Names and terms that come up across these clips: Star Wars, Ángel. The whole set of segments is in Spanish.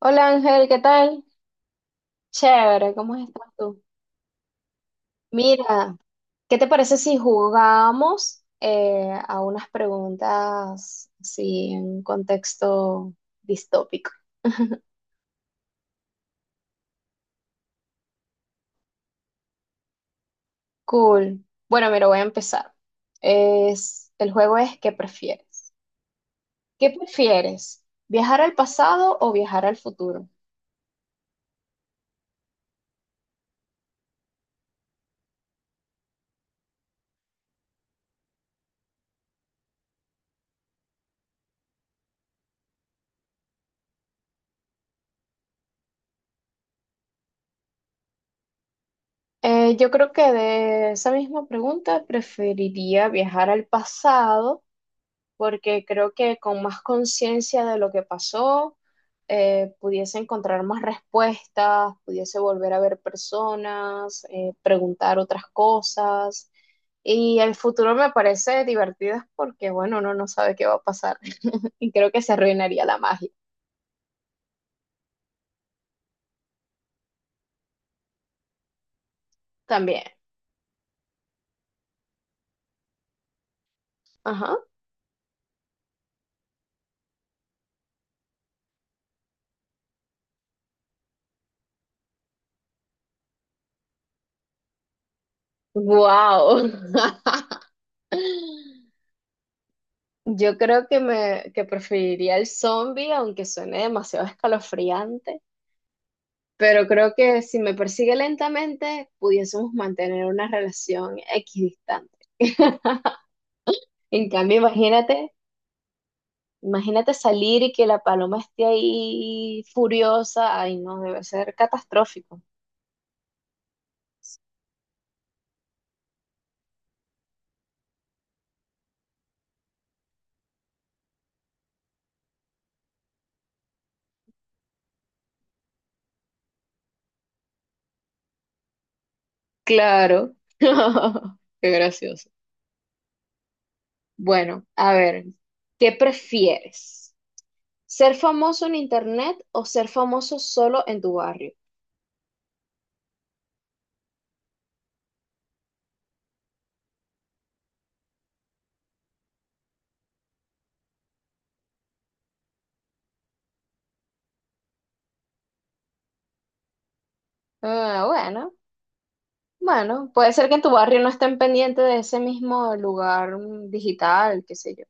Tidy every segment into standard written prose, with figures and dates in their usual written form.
Hola Ángel, ¿qué tal? Chévere, ¿cómo estás tú? Mira, ¿qué te parece si jugamos a unas preguntas así en un contexto distópico? Cool. Bueno, mira, voy a empezar. Es, el juego es ¿qué prefieres? ¿Qué prefieres? ¿Viajar al pasado o viajar al futuro? Yo creo que de esa misma pregunta preferiría viajar al pasado porque creo que con más conciencia de lo que pasó, pudiese encontrar más respuestas, pudiese volver a ver personas, preguntar otras cosas. Y el futuro me parece divertido porque, bueno, uno no sabe qué va a pasar. Y creo que se arruinaría la magia también. Ajá. Wow. Yo creo que me que preferiría el zombie, aunque suene demasiado escalofriante. Pero creo que si me persigue lentamente, pudiésemos mantener una relación equidistante. En cambio, imagínate, imagínate salir y que la paloma esté ahí furiosa. Ay, no, debe ser catastrófico. Claro. Qué gracioso. Bueno, a ver, ¿qué prefieres? ¿Ser famoso en internet o ser famoso solo en tu barrio? Ah, bueno, bueno, puede ser que en tu barrio no estén pendientes de ese mismo lugar digital, qué sé yo.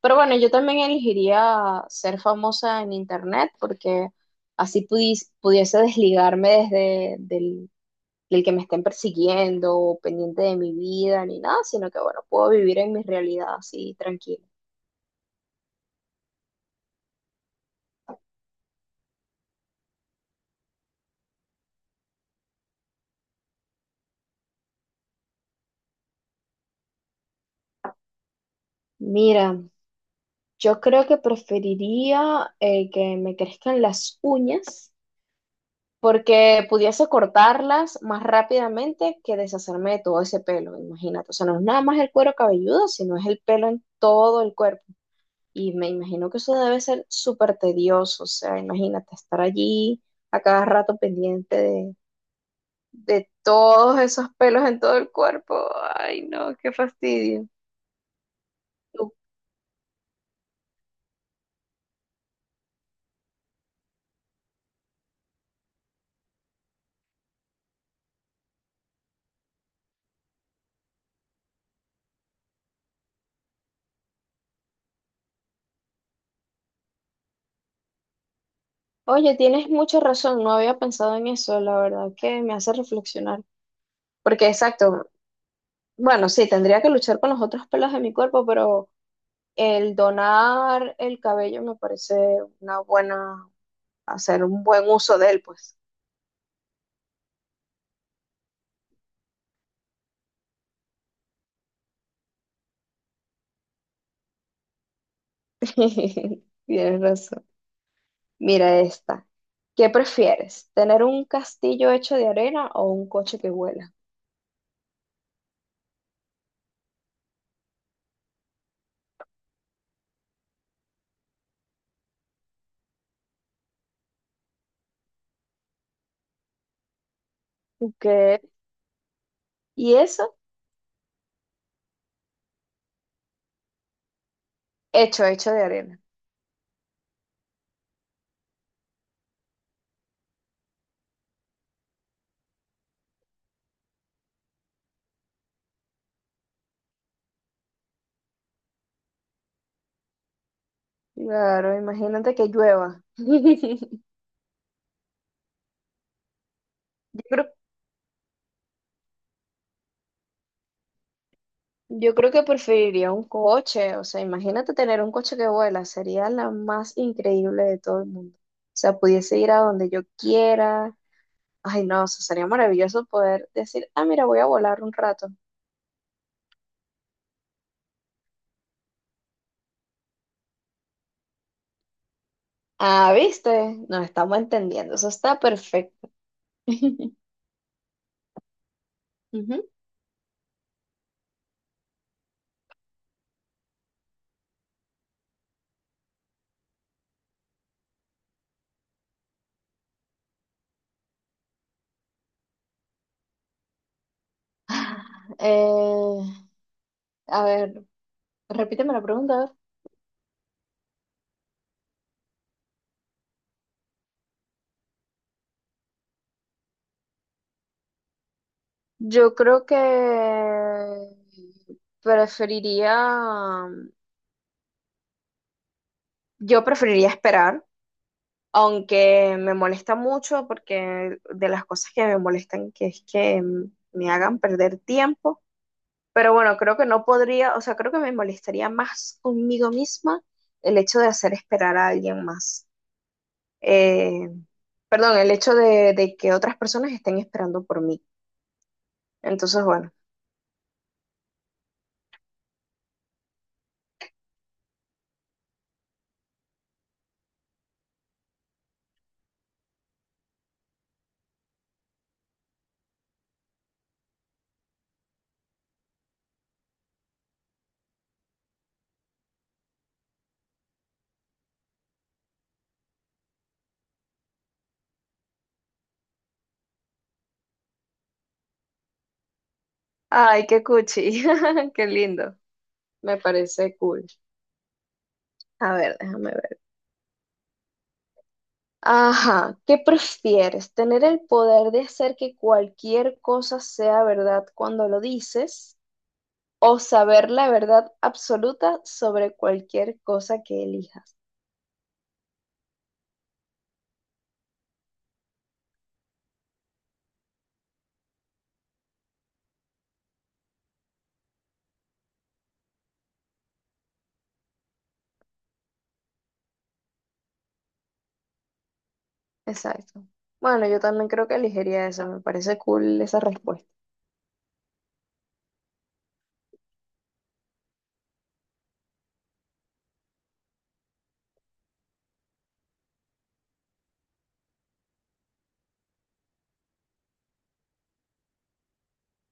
Pero bueno, yo también elegiría ser famosa en internet porque así pudiese desligarme del que me estén persiguiendo o pendiente de mi vida ni nada, sino que bueno, puedo vivir en mi realidad así tranquila. Mira, yo creo que preferiría que me crezcan las uñas porque pudiese cortarlas más rápidamente que deshacerme de todo ese pelo, imagínate. O sea, no es nada más el cuero cabelludo, sino es el pelo en todo el cuerpo. Y me imagino que eso debe ser súper tedioso, o sea, imagínate estar allí a cada rato pendiente de todos esos pelos en todo el cuerpo. Ay, no, qué fastidio. Tú... Oye, tienes mucha razón, no había pensado en eso, la verdad que me hace reflexionar. Porque exacto, bueno, sí, tendría que luchar con los otros pelos de mi cuerpo, pero... El donar el cabello me parece una buena, hacer un buen uso de él, pues. Tienes razón. Mira esta. ¿Qué prefieres? ¿Tener un castillo hecho de arena o un coche que vuela? ¿Qué? ¿Y eso? Hecho, hecho de arena. Claro, imagínate que llueva. Yo creo, yo creo que preferiría un coche. O sea, imagínate tener un coche que vuela. Sería la más increíble de todo el mundo. O sea, pudiese ir a donde yo quiera. Ay, no, eso sería maravilloso poder decir, ah, mira, voy a volar un rato. Ah, viste, nos estamos entendiendo, eso está perfecto. Ujú. Eh, a ver, repíteme la pregunta. A ver. Yo creo que preferiría, yo preferiría esperar, aunque me molesta mucho porque de las cosas que me molestan que es que me hagan perder tiempo. Pero bueno, creo que no podría, o sea, creo que me molestaría más conmigo misma el hecho de hacer esperar a alguien más. Eh, perdón, el hecho de que otras personas estén esperando por mí. Entonces, bueno. Ay, qué cuchi, qué lindo. Me parece cool. A ver, déjame ver. Ajá, ¿qué prefieres? ¿Tener el poder de hacer que cualquier cosa sea verdad cuando lo dices o saber la verdad absoluta sobre cualquier cosa que elijas? Exacto. Bueno, yo también creo que elegiría eso, me parece cool esa respuesta.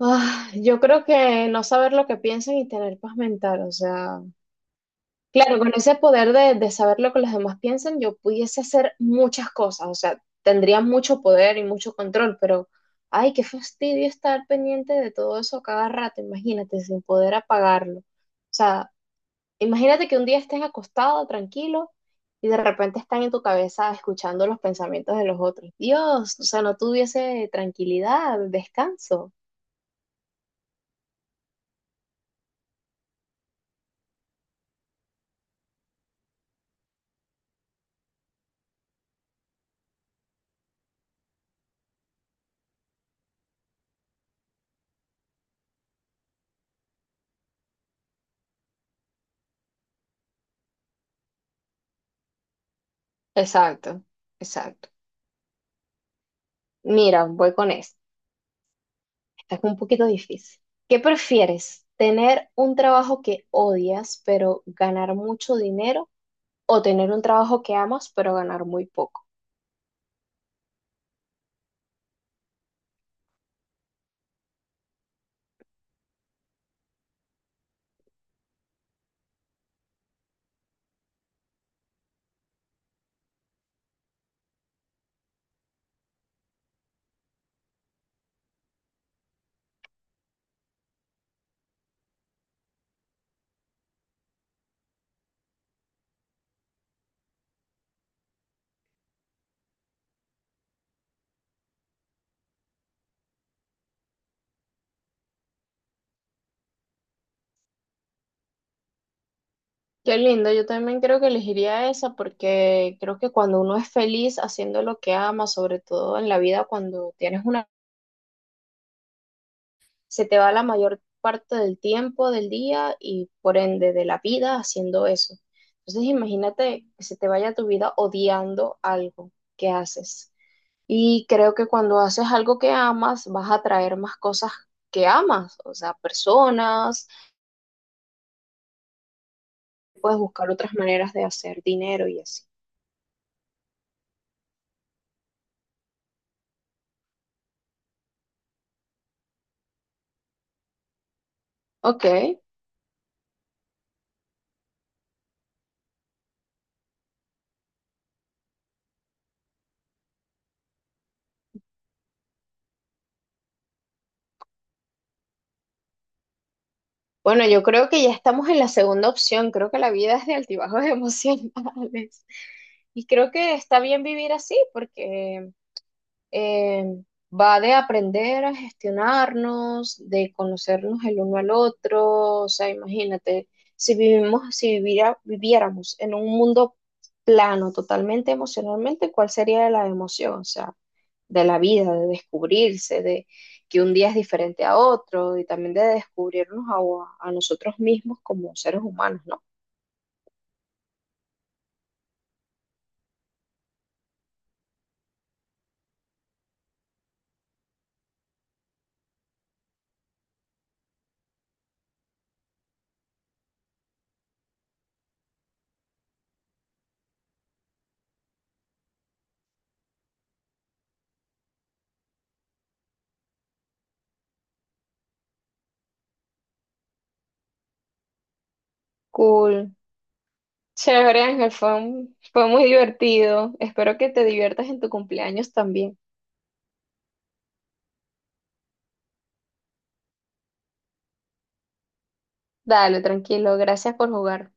Ah, yo creo que no saber lo que piensan y tener paz mental, o sea, claro, con ese poder de saber lo que los demás piensan, yo pudiese hacer muchas cosas, o sea, tendría mucho poder y mucho control, pero, ay, qué fastidio estar pendiente de todo eso a cada rato, imagínate, sin poder apagarlo. O sea, imagínate que un día estés acostado, tranquilo, y de repente están en tu cabeza escuchando los pensamientos de los otros. Dios, o sea, no tuviese tranquilidad, descanso. Exacto, exacto. Mira, voy con esto. Esta es un poquito difícil. ¿Qué prefieres? ¿Tener un trabajo que odias pero ganar mucho dinero o tener un trabajo que amas pero ganar muy poco? Qué lindo, yo también creo que elegiría esa porque creo que cuando uno es feliz haciendo lo que ama, sobre todo en la vida cuando tienes una, se te va la mayor parte del tiempo del día y por ende de la vida haciendo eso. Entonces imagínate que se te vaya tu vida odiando algo que haces. Y creo que cuando haces algo que amas, vas a atraer más cosas que amas, o sea, personas, puedes buscar otras maneras de hacer dinero y así. Ok. Bueno, yo creo que ya estamos en la segunda opción. Creo que la vida es de altibajos emocionales. Y creo que está bien vivir así, porque eh, va de aprender a gestionarnos, de conocernos el uno al otro, o sea, imagínate, si vivimos, si viviera- viviéramos en un mundo plano, totalmente emocionalmente, ¿cuál sería la emoción? O sea, de la vida, de descubrirse, de que un día es diferente a otro y también de descubrirnos a nosotros mismos como seres humanos, ¿no? Cool. Chévere, Ángel, fue muy divertido. Espero que te diviertas en tu cumpleaños también. Dale, tranquilo. Gracias por jugar.